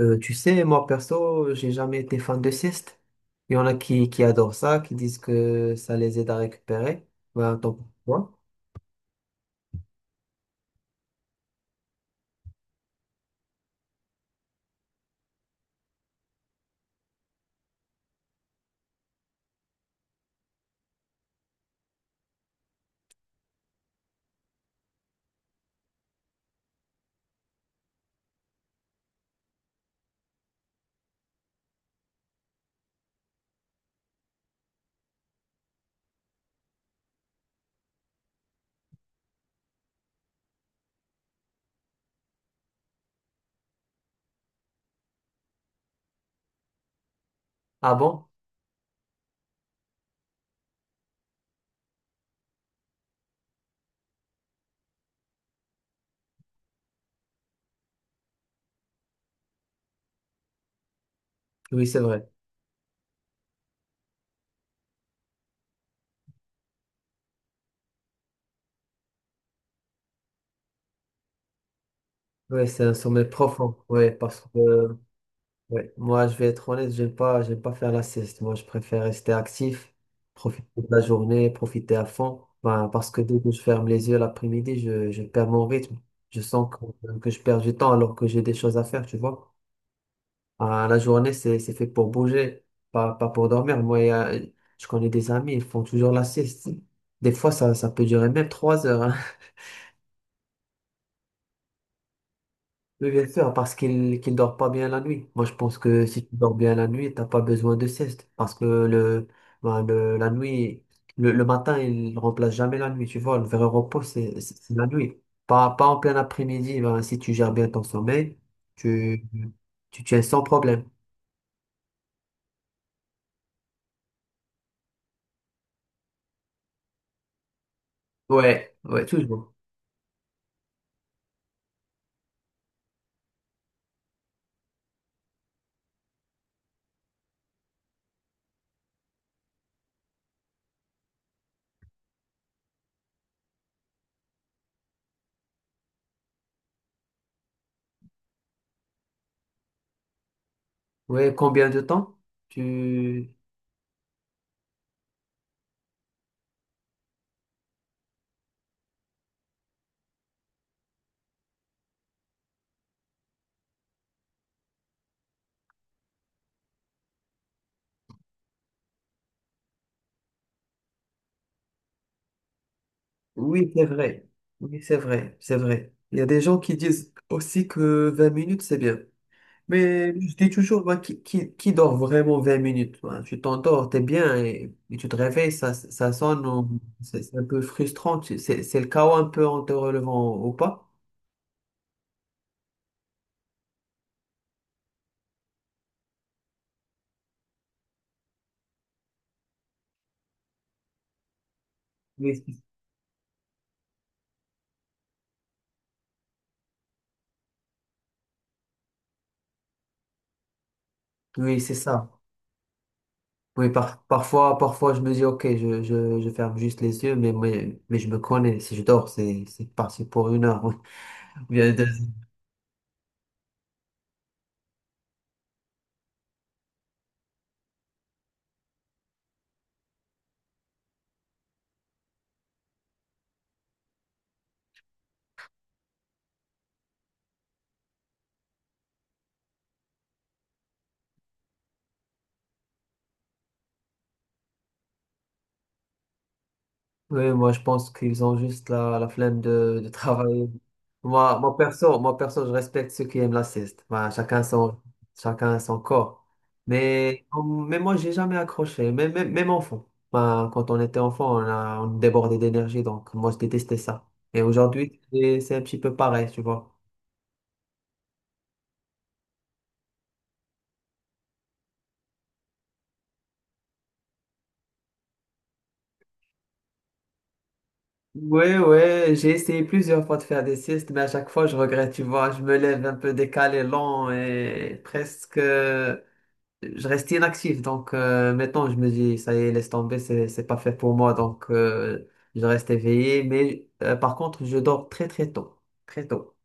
Moi perso, j'ai jamais été fan de sieste. Il y en a qui adorent ça, qui disent que ça les aide à récupérer. Ben, tant pour toi. Ah bon? Oui, c'est vrai. Oui, c'est un sommeil profond. Oui, parce que ouais, moi, je vais être honnête, j'aime pas faire la sieste. Moi, je préfère rester actif, profiter de la journée, profiter à fond. Ben, parce que dès que je ferme les yeux l'après-midi, je perds mon rythme. Je sens que je perds du temps alors que j'ai des choses à faire, tu vois. Ah, la journée, c'est fait pour bouger, pas pour dormir. Moi, je connais des amis, ils font toujours la sieste. Des fois, ça peut durer même 3 heures, hein. Oui, bien sûr, parce qu'il dort pas bien la nuit. Moi, je pense que si tu dors bien la nuit, t'as pas besoin de sieste. Parce que le, ben, la nuit, le matin, il remplace jamais la nuit. Tu vois, le vrai repos, c'est la nuit. Pas en plein après-midi. Ben, si tu gères bien ton sommeil, tu, tu tiens sans problème. Ouais, ouais, toujours. Ouais, combien de temps? Tu... Oui, c'est vrai. Oui, c'est vrai, c'est vrai. Il y a des gens qui disent aussi que 20 minutes, c'est bien. Mais je dis toujours, moi, qui dort vraiment 20 minutes? Moi, tu t'endors, t'es bien, et tu te réveilles, ça sonne, c'est un peu frustrant. C'est le chaos un peu en te relevant ou pas? Oui, oui, c'est ça. Oui, parfois, parfois, je me dis, OK, je ferme juste les yeux, mais je me connais. Si je dors, c'est parti pour 1 heure. Ou bien oui, moi je pense qu'ils ont juste la flemme de travailler. Moi perso, je respecte ceux qui aiment la sieste. Ben, chacun son corps. Mais moi, j'ai jamais accroché. Même enfant. Ben, quand on était enfant, on débordait d'énergie, donc moi je détestais ça. Et aujourd'hui, c'est un petit peu pareil, tu vois. Oui, oui, j'ai essayé plusieurs fois de faire des siestes, mais à chaque fois, je regrette, tu vois. Je me lève un peu décalé, lent et presque. Je restais inactif. Donc maintenant, je me dis, ça y est, laisse tomber, c'est pas fait pour moi. Donc je reste éveillé. Mais par contre, je dors très très tôt. Très tôt.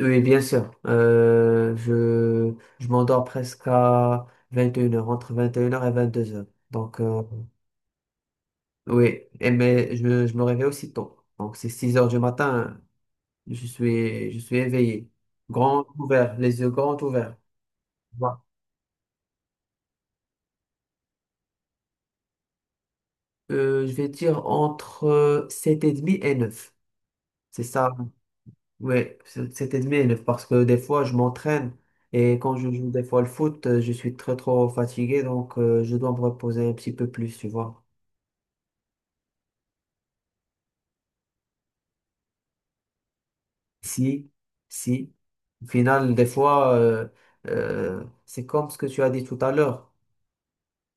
Oui, bien sûr. Je m'endors presque à 21 heures, entre 21 heures et 22 heures. Donc oui, et mais je me réveille aussi tôt. Donc, c'est 6 heures du matin, je suis éveillé. Grand ouvert, les yeux grands ouverts. Voilà. Je vais dire entre 7 et 30 et 9. C'est ça, ouais, c'est admin, parce que des fois je m'entraîne et quand je joue des fois le foot, je suis très trop fatigué donc je dois me reposer un petit peu plus, tu vois. Si, si, au final, des fois, c'est comme ce que tu as dit tout à l'heure.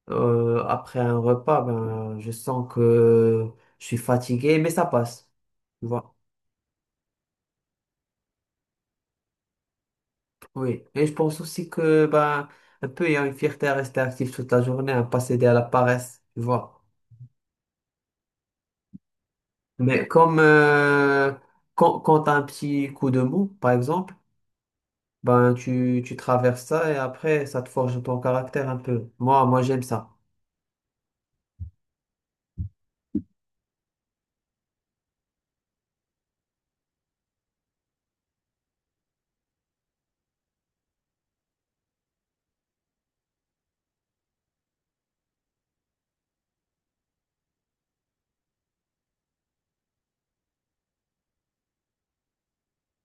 Après un repas, ben, je sens que je suis fatigué, mais ça passe, tu vois. Oui, et je pense aussi que ben, un peu il y a une fierté à rester actif toute la journée, à ne pas céder à la paresse, tu vois. Mais comme quand t'as un petit coup de mou, par exemple, ben tu traverses ça et après ça te forge ton caractère un peu. Moi j'aime ça.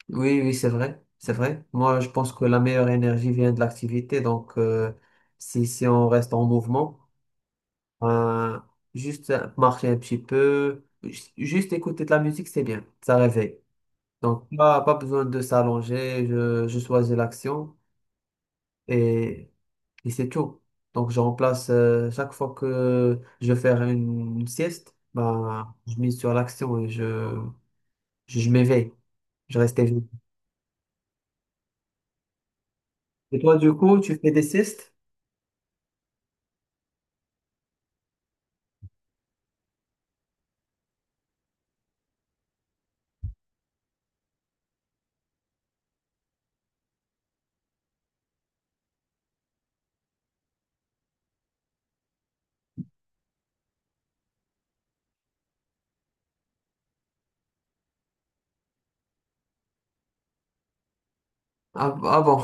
Oui, oui, c'est vrai, c'est vrai. Moi, je pense que la meilleure énergie vient de l'activité. Donc, si, si on reste en mouvement, ben, juste marcher un petit peu, juste écouter de la musique, c'est bien. Ça réveille. Donc, pas besoin de s'allonger. Je choisis l'action. et et c'est tout. Donc, je remplace chaque fois que je vais faire une sieste, bah, je mise sur l'action et je m'éveille. Je reste éveillé. Et toi, du coup, tu fais des siestes? Ah, ah bon,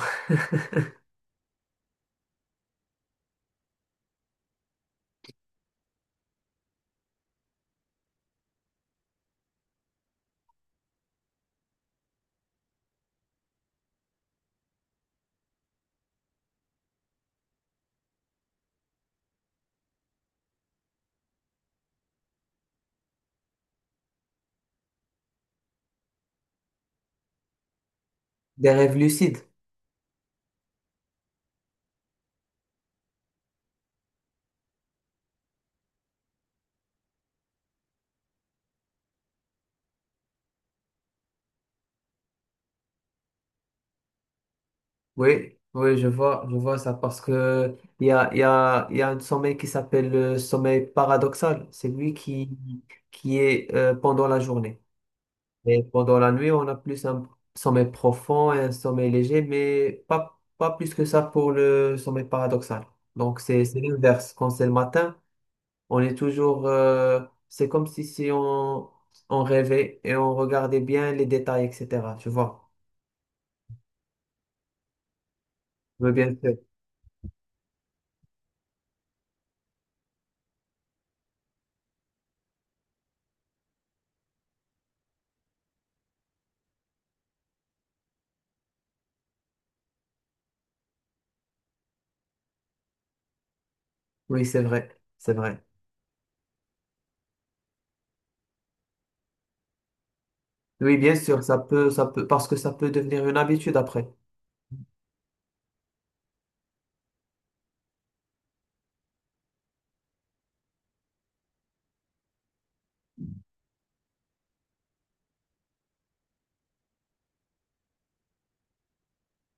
des rêves lucides. Oui, oui, je vois ça parce que il y a un sommeil qui s'appelle le sommeil paradoxal. C'est lui qui est pendant la journée. Et pendant la nuit, on a plus un sommeil profond et un sommeil léger, mais pas plus que ça pour le sommeil paradoxal. Donc, c'est l'inverse. Quand c'est le matin, on est toujours. C'est comme si, si on rêvait et on regardait bien les détails, etc. Tu vois? Oui, bien sûr. Oui, c'est vrai. C'est vrai. Oui, bien sûr, ça peut, parce que ça peut devenir une habitude après.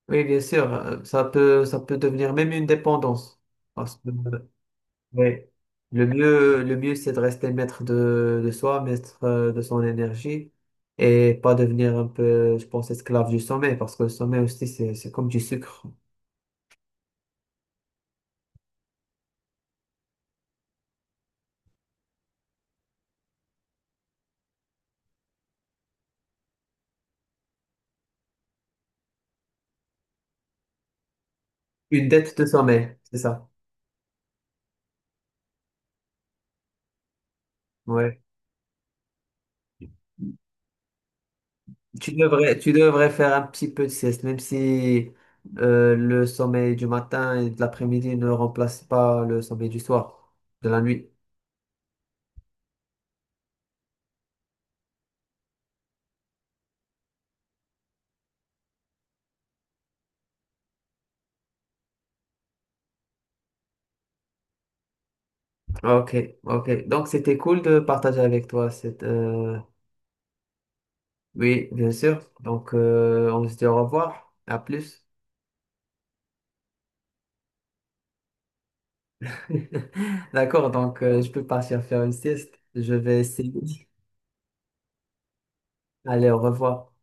Oui, bien sûr, ça peut devenir même une dépendance. Parce que oui. Le mieux, c'est de rester maître de soi, maître de son énergie et pas devenir un peu, je pense, esclave du sommeil parce que le sommeil aussi, c'est comme du sucre. Une dette de sommeil, c'est ça. Ouais. Tu devrais faire un petit peu de sieste, même si le sommeil du matin et de l'après-midi ne remplace pas le sommeil du soir, de la nuit. Ok, ok. Donc c'était cool de partager avec toi cette. Oui, bien sûr. Donc on se dit au revoir. À plus. D'accord. Donc je peux partir faire une sieste. Je vais essayer. Allez, au revoir.